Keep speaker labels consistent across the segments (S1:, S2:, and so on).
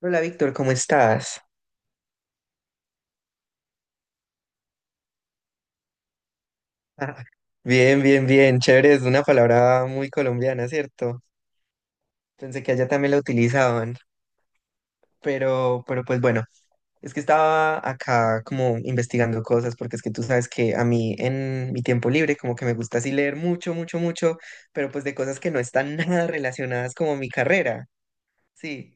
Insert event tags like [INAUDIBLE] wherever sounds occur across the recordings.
S1: Hola Víctor, ¿cómo estás? Ah, bien, bien, bien, chévere, es una palabra muy colombiana, ¿cierto? Pensé que allá también la utilizaban, pero, es que estaba acá como investigando cosas, porque es que tú sabes que a mí en mi tiempo libre como que me gusta así leer mucho, mucho, mucho, pero pues de cosas que no están [LAUGHS] nada relacionadas como a mi carrera, sí.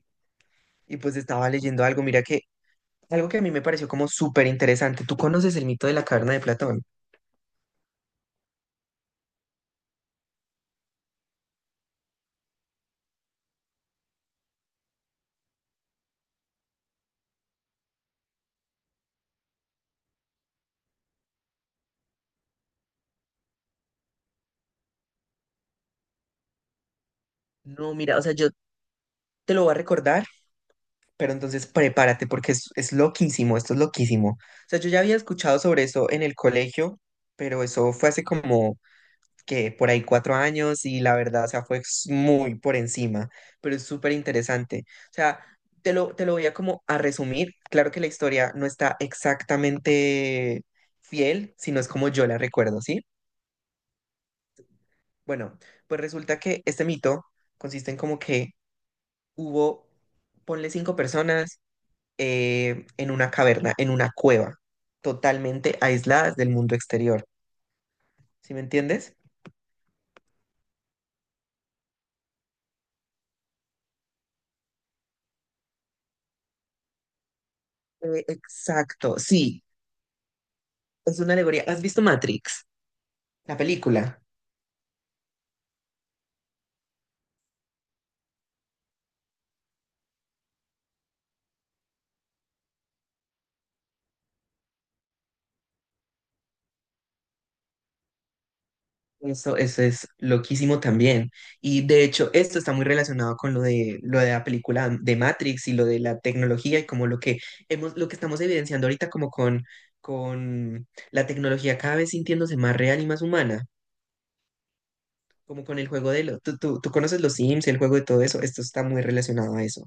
S1: Y pues estaba leyendo algo, mira que algo que a mí me pareció como súper interesante. ¿Tú conoces el mito de la caverna de Platón? No, mira, o sea, yo te lo voy a recordar. Pero entonces prepárate porque es loquísimo, esto es loquísimo. O sea, yo ya había escuchado sobre eso en el colegio, pero eso fue hace como que por ahí 4 años y la verdad, o sea, muy por encima, pero es súper interesante. O sea, te lo voy a como a resumir. Claro que la historia no está exactamente fiel, sino es como yo la recuerdo, ¿sí? Bueno, pues resulta que este mito consiste en como que hubo, ponle 5 personas, en una caverna, en una cueva, totalmente aisladas del mundo exterior. ¿Sí me entiendes? Exacto, sí, es una alegoría. ¿Has visto Matrix, la película? Eso es loquísimo también. Y de hecho, esto está muy relacionado con lo de la película de Matrix y lo de la tecnología y como lo que hemos, lo que estamos evidenciando ahorita como con la tecnología cada vez sintiéndose más real y más humana. Como con el juego de lo, tú conoces los Sims, el juego de todo eso, esto está muy relacionado a eso.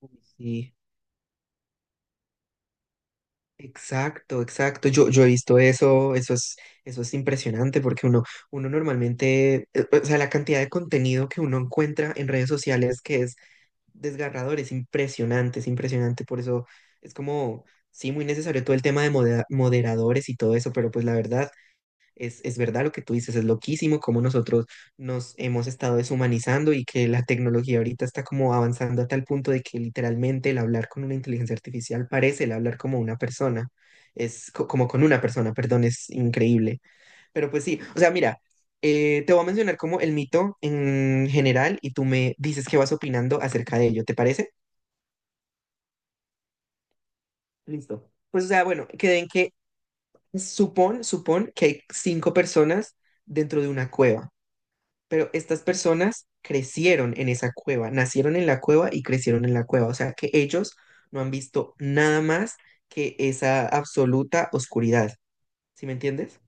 S1: Uy, sí, exacto, exacto. Yo he visto eso, eso es impresionante porque uno, uno normalmente, o sea, la cantidad de contenido que uno encuentra en redes sociales que es desgarrador, es impresionante, es impresionante. Por eso es como, sí, muy necesario todo el tema de moderadores y todo eso, pero pues la verdad, es verdad lo que tú dices, es loquísimo cómo nosotros nos hemos estado deshumanizando y que la tecnología ahorita está como avanzando a tal punto de que literalmente el hablar con una inteligencia artificial parece el hablar como una persona, como con una persona, perdón, es increíble. Pero pues sí, o sea, mira, te voy a mencionar como el mito en general y tú me dices qué vas opinando acerca de ello, ¿te parece? Listo. Pues o sea, bueno, queden que supón que hay 5 personas dentro de una cueva. Pero estas personas crecieron en esa cueva, nacieron en la cueva y crecieron en la cueva. O sea que ellos no han visto nada más que esa absoluta oscuridad. ¿Sí me entiendes?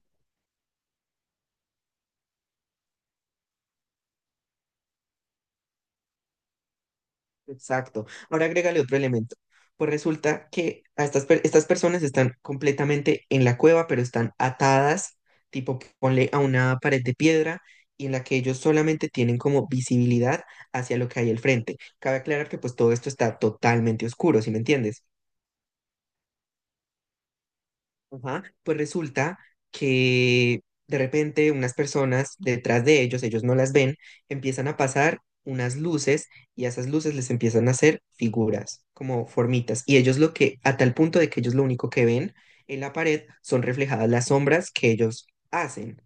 S1: Exacto. Ahora agrégale otro elemento. Pues resulta que a estas personas están completamente en la cueva, pero están atadas, tipo ponle a una pared de piedra y en la que ellos solamente tienen como visibilidad hacia lo que hay al frente. Cabe aclarar que pues todo esto está totalmente oscuro, ¿sí me entiendes? Ajá, pues resulta que de repente unas personas detrás de ellos, ellos no las ven, empiezan a pasar unas luces y a esas luces les empiezan a hacer figuras, como formitas. Y ellos lo que, a tal punto de que ellos lo único que ven en la pared son reflejadas las sombras que ellos hacen.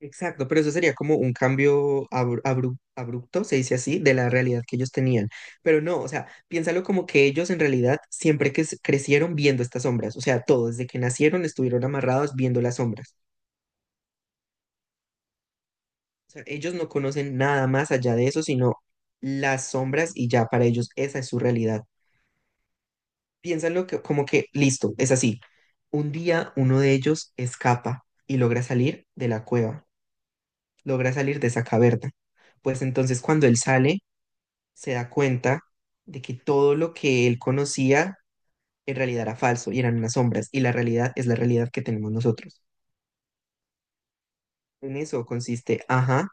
S1: Exacto, pero eso sería como un cambio abrupto, se dice así, de la realidad que ellos tenían. Pero no, o sea, piénsalo como que ellos en realidad siempre crecieron viendo estas sombras, o sea, todos desde que nacieron estuvieron amarrados viendo las sombras. O sea, ellos no conocen nada más allá de eso, sino las sombras y ya para ellos esa es su realidad. Piénsalo que, como que, listo, es así. Un día uno de ellos escapa y logra salir de la cueva, logra salir de esa caverna. Pues entonces cuando él sale se da cuenta de que todo lo que él conocía en realidad era falso y eran unas sombras, y la realidad es la realidad que tenemos nosotros. En eso consiste, ajá,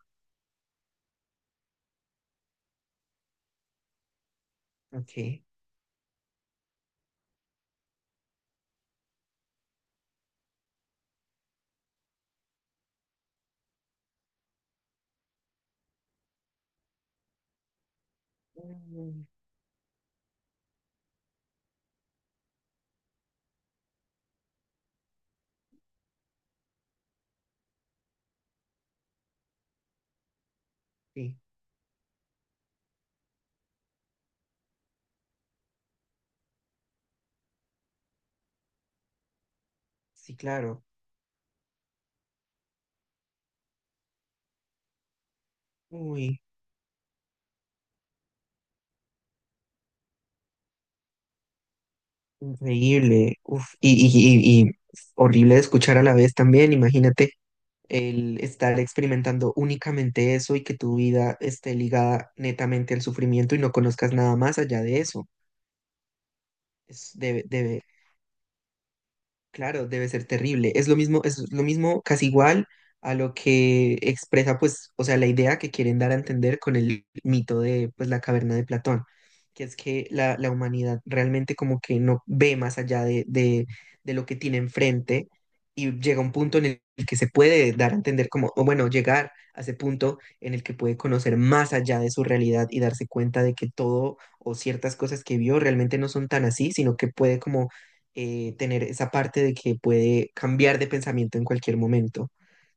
S1: ok. Mm, sí, sí, claro. Uy, increíble. Uf, y horrible de escuchar a la vez también, imagínate. El estar experimentando únicamente eso y que tu vida esté ligada netamente al sufrimiento y no conozcas nada más allá de eso. Debe, claro, debe ser terrible. Es lo mismo, casi igual a lo que expresa, pues, o sea, la idea que quieren dar a entender con el mito de, pues, la caverna de Platón, que es que la humanidad realmente como que no ve más allá de lo que tiene enfrente y llega a un punto en el que se puede dar a entender como, o bueno, llegar a ese punto en el que puede conocer más allá de su realidad y darse cuenta de que todo o ciertas cosas que vio realmente no son tan así, sino que puede como tener esa parte de que puede cambiar de pensamiento en cualquier momento,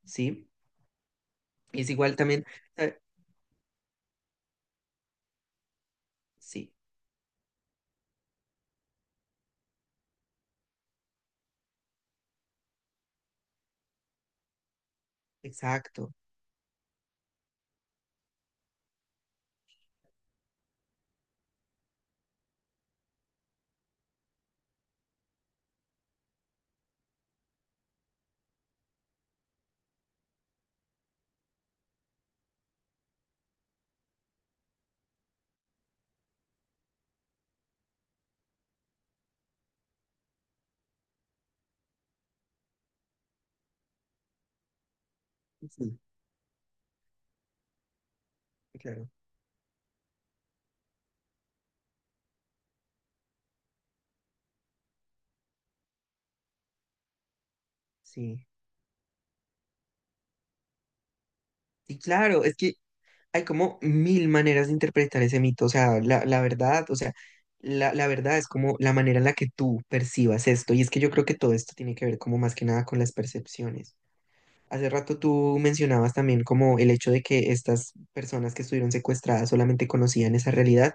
S1: ¿sí? Y es igual también, eh, sí, exacto, sí, claro, sí, sí, claro, es que hay como 1000 maneras de interpretar ese mito, o sea, la verdad, o sea, la verdad es como la manera en la que tú percibas esto, y es que yo creo que todo esto tiene que ver como más que nada con las percepciones. Hace rato tú mencionabas también como el hecho de que estas personas que estuvieron secuestradas solamente conocían esa realidad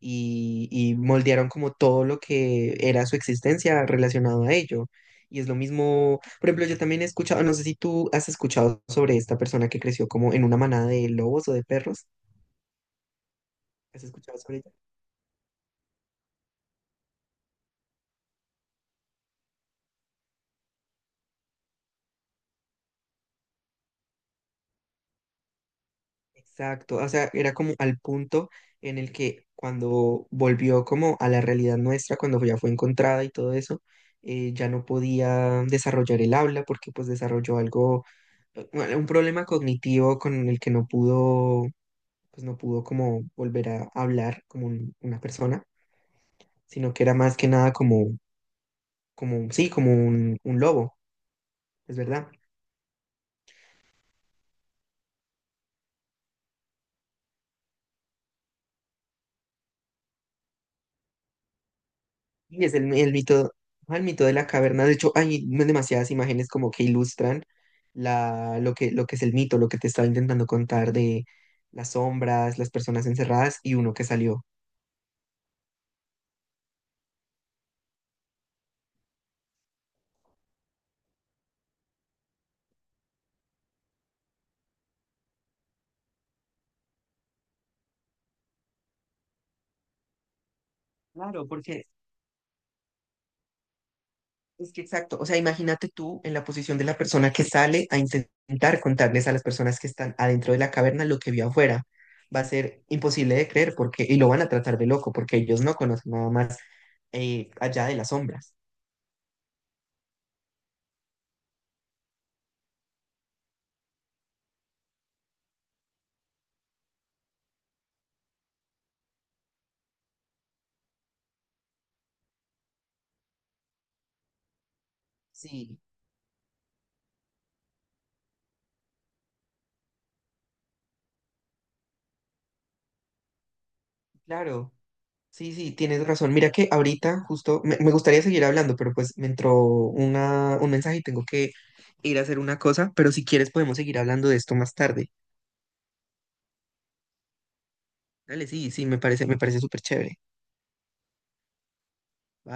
S1: y moldearon como todo lo que era su existencia relacionado a ello. Y es lo mismo, por ejemplo, yo también he escuchado, no sé si tú has escuchado sobre esta persona que creció como en una manada de lobos o de perros. ¿Has escuchado sobre exacto, o sea, era como al punto en el que cuando volvió como a la realidad nuestra, cuando ya fue encontrada y todo eso, ya no podía desarrollar el habla porque pues desarrolló algo, bueno, un problema cognitivo con el que no pudo, pues no pudo como volver a hablar como una persona, sino que era más que nada como, como, sí, como un lobo, es verdad. Y es el mito, ajá, el mito de la caverna. De hecho, hay demasiadas imágenes como que ilustran la, lo que es el mito, lo que te estaba intentando contar de las sombras, las personas encerradas y uno que salió. Claro, porque es que exacto. O sea, imagínate tú en la posición de la persona que sale a intentar contarles a las personas que están adentro de la caverna lo que vio afuera. Va a ser imposible de creer porque, y lo van a tratar de loco porque ellos no conocen nada más allá de las sombras. Sí, claro. Sí, sí, tienes razón. Mira que ahorita justo me, me gustaría seguir hablando, pero pues me entró una, un mensaje y tengo que ir a hacer una cosa, pero si quieres podemos seguir hablando de esto más tarde. Dale, sí, sí, me parece súper chévere. Bye.